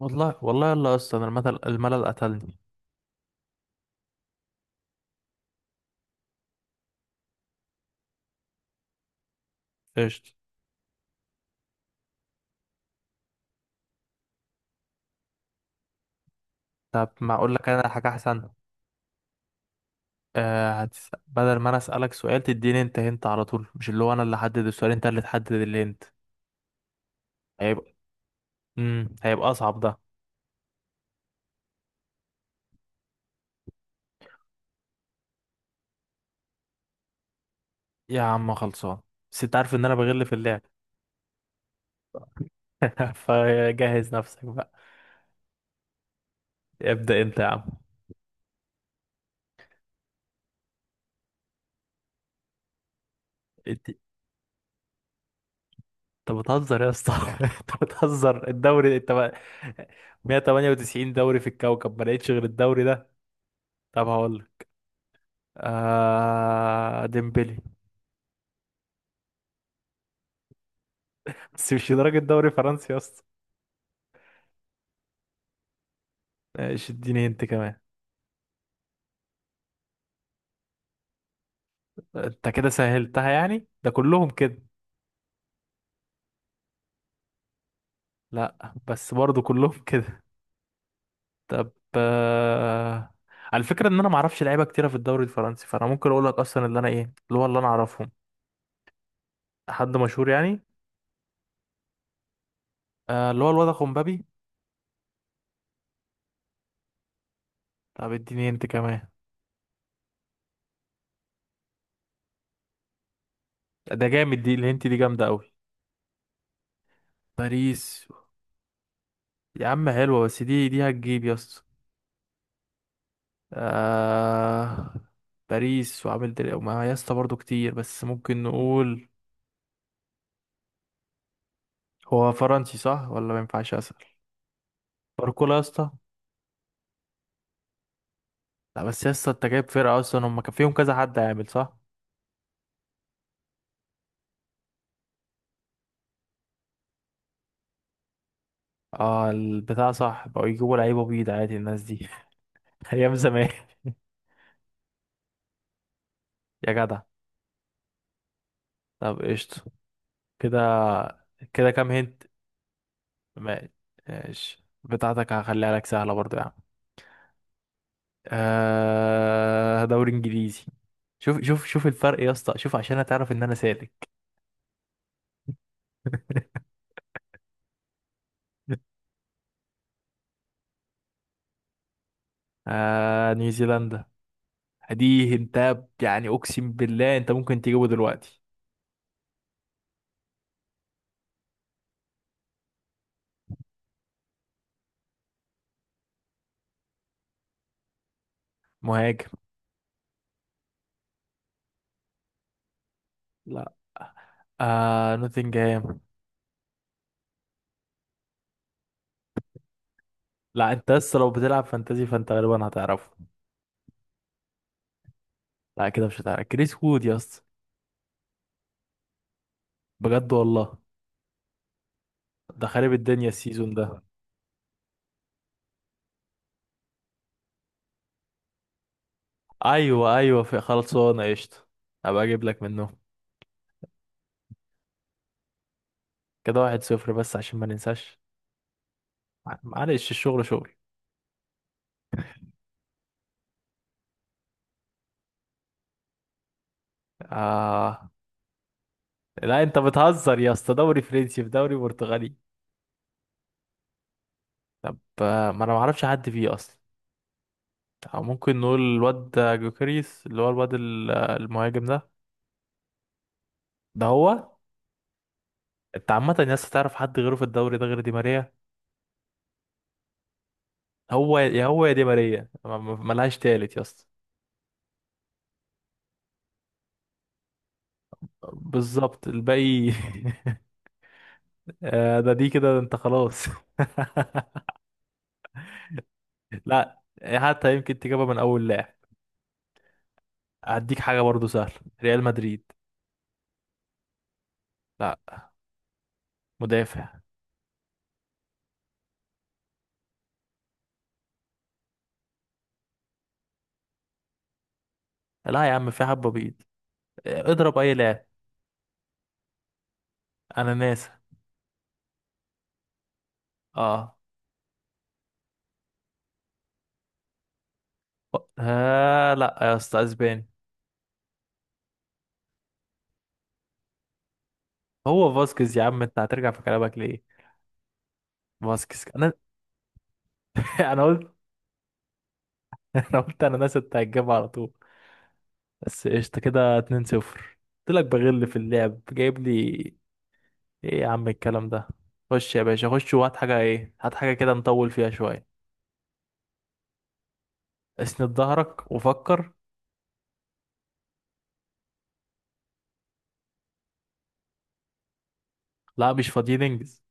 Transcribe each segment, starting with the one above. والله والله يلا اصلا الملل الملل قتلني. قشطة. طب ما اقول لك انا حاجة احسن. آه، بدل ما انا اسألك سؤال تديني انت هنت على طول، مش اللي هو انا اللي احدد السؤال، انت اللي تحدد اللي هنت. هيبقى هيبقى اصعب ده. يا عم خلصان، بس انت عارف ان انا بغل في اللعب. فجهز نفسك بقى. ابدأ انت يا عم. انت انت بتهزر يا اسطى. انت بتهزر، الدوري انت بقى؟ 198 دوري في الكوكب ما لقيتش غير الدوري ده؟ طب هقول لك، آه، ديمبلي. بس مش لدرجة دوري فرنسي يا اسطى. ايش، اديني انت كمان. انت كده سهلتها يعني، ده كلهم كده. لا بس برضو كلهم كده. طب، على فكرة ان انا معرفش لعيبة كتيرة في الدوري الفرنسي، فانا ممكن اقول لك اصلا اللي انا، ايه اللي هو اللي انا اعرفهم. حد مشهور يعني؟ اللي هو الواد خمبابي. طب اديني انت كمان. ده جامد، دي الهنت دي جامدة قوي. باريس. يا عم حلوة، بس دي هتجيب يا اسطى. آه، باريس وعامل دري وما يا اسطى برضه كتير، بس ممكن نقول. هو فرنسي صح ولا ما ينفعش اسال؟ باركولا يا اسطى. لا بس يا اسطى انت جايب فرقه اصلا هم كان فيهم كذا حد عامل صح. اه البتاع صح بقوا يجيبوا لعيبه بيض عادي، الناس دي. ايام زمان. يا جدع. طب قشطه. كده كده كام هنت؟ ما- ماشي، بتاعتك هخليها لك سهله برضو يا عم. آه، دوري انجليزي. شوف شوف شوف الفرق يا اسطى، شوف عشان هتعرف ان انا سالك. آه، نيوزيلندا. دي انت يعني اقسم بالله انت ممكن تجيبه دلوقتي. مهاجم. لا. آه، نوتنجهام. لا انت لسه، لو بتلعب فانتازي فانت غالبا هتعرفه. لا كده مش هتعرف، كريس وود يا اسطى. بجد والله. ده خارب الدنيا السيزون ده. ايوه ايوه، في خلاص هو، انا قشطه. هبقى اجيب لك منه. كده واحد صفر بس عشان ما ننساش. معلش الشغل شغل. آه لا، انت بتهزر يا اسطى، دوري فرنسي في دوري برتغالي. طب، ما انا ما اعرفش حد فيه اصلا. أو ممكن نقول الواد جوكريس، اللي هو الواد المهاجم ده. ده هو. انت عامة الناس تعرف حد غيره في الدوري ده غير دي ماريا؟ هو يا هو يا دي ماريا، ملهاش تالت يا اسطى. بالظبط الباقي ده دي كده انت خلاص لا حتى يمكن تجيبها من اول لاعب. هديك حاجة برضو سهلة. ريال مدريد. لا. مدافع. لا يا عم، في حبة بيض. اضرب اي لاعب. انا ناسا. اه. آه لا يا اسطى، اسباني. هو فاسكيز يا عم، انت هترجع في كلامك ليه؟ فاسكيز انا. انا قلت. انا قلت انا ناس انت هتجيبها على طول. بس قشطه كده 2-0. قلت لك بغل في اللعب، جايب لي ايه يا عم الكلام ده. خش يا باشا، خش وهات حاجه، ايه هات حاجه كده نطول فيها شويه. اسند ظهرك وفكر. لا مش فاضيين، انجز.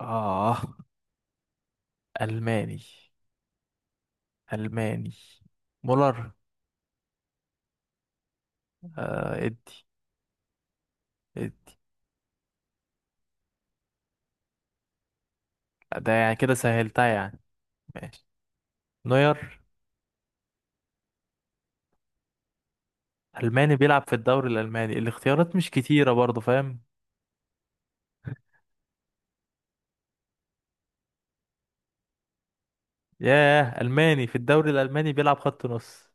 اه الماني. الماني. مولر. آه ادي. ادي. ده يعني كده سهلتها يعني. ماشي. نوير. ألماني بيلعب في الدوري الألماني، الاختيارات مش كتيرة برضه، فاهم؟ ياه، ألماني في الدوري الألماني بيلعب خط نص.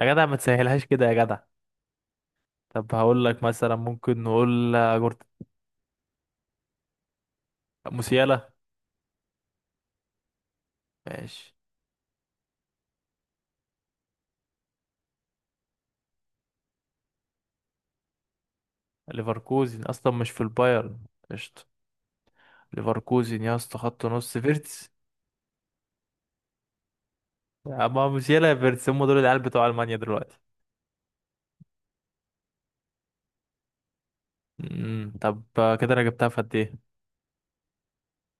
يا جدع ما تسهلهاش كده يا جدع. طب هقول لك مثلا، ممكن نقول، جورت. موسيالا. ماشي. ليفركوزن أصلا مش في البايرن. قشطة. ليفركوزن يا اسطى، خط نص، فيرتس. أما موسيالا يا فيرتس هم دول العيال بتوع ألمانيا دلوقتي. طب، كده أنا جبتها في قد إيه؟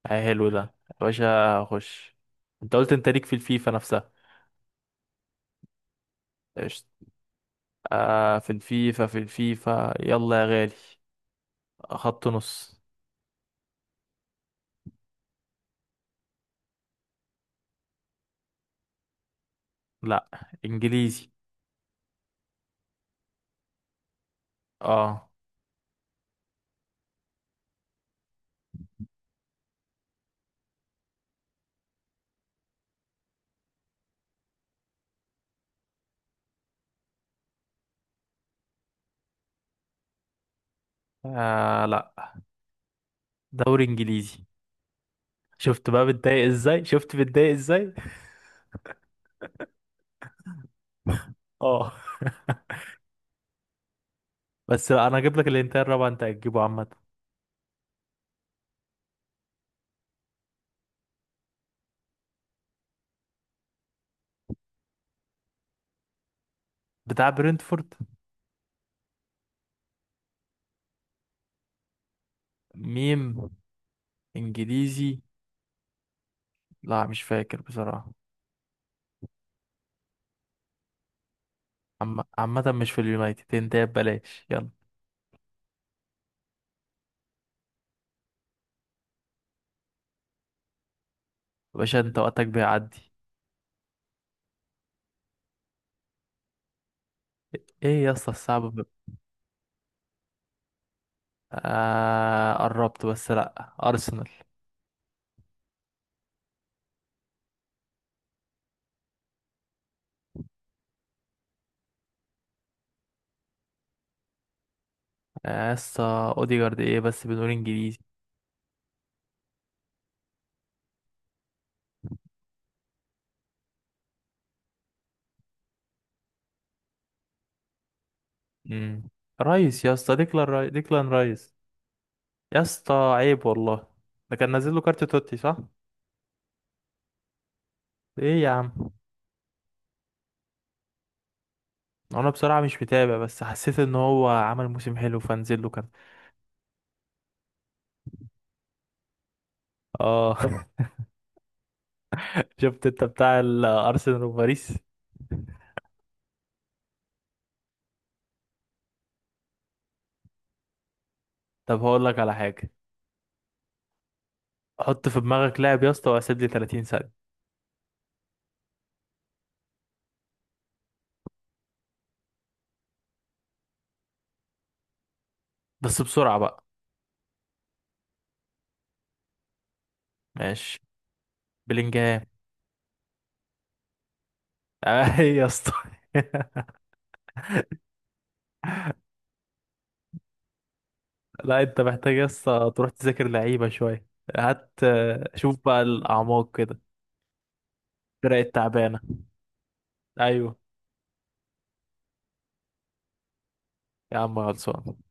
حلو ده. يا باشا خش. أنت قلت أنت ليك في الفيفا نفسها. قشطة. في الفيفا، في الفيفا يلا يا غالي. خط نص. لا. انجليزي. اه. آه لا، دوري انجليزي. شفت بقى بتضايق ازاي، شفت بتضايق ازاي. اه. بس لا، انا هجيب لك الانتاير الرابع انت هتجيبه عامه. بتاع برينتفورد. ميم. انجليزي. لا مش فاكر بصراحه. عامه مش في اليونايتد، انت ببلاش، يلا. يا باشا انت وقتك بيعدي. ايه يا اسطى الصعب آه قربت، بس لا، ارسنال. يا اسطى، اوديجارد ايه بس بنقول انجليزي. امم. رايس يا اسطى، ديكلان رايس. يا اسطى عيب والله. ده كان نازل له كارت توتي صح؟ ايه يا عم. انا بصراحة مش متابع، بس حسيت ان هو عمل موسم حلو فنزل له كان. اه شفت انت بتاع الارسنال وباريس. طب هقول لك على حاجة. حط في دماغك لاعب يا اسطى واسيب لي 30 ثانية. بس بسرعة بقى. ماشي. بلينجهام. اي يا اسطى. لا انت محتاج بس تروح تذاكر لعيبة شوية. هات، شوف بقى الأعماق كده. الفرق التعبانة. أيوة. يا عم خلصان.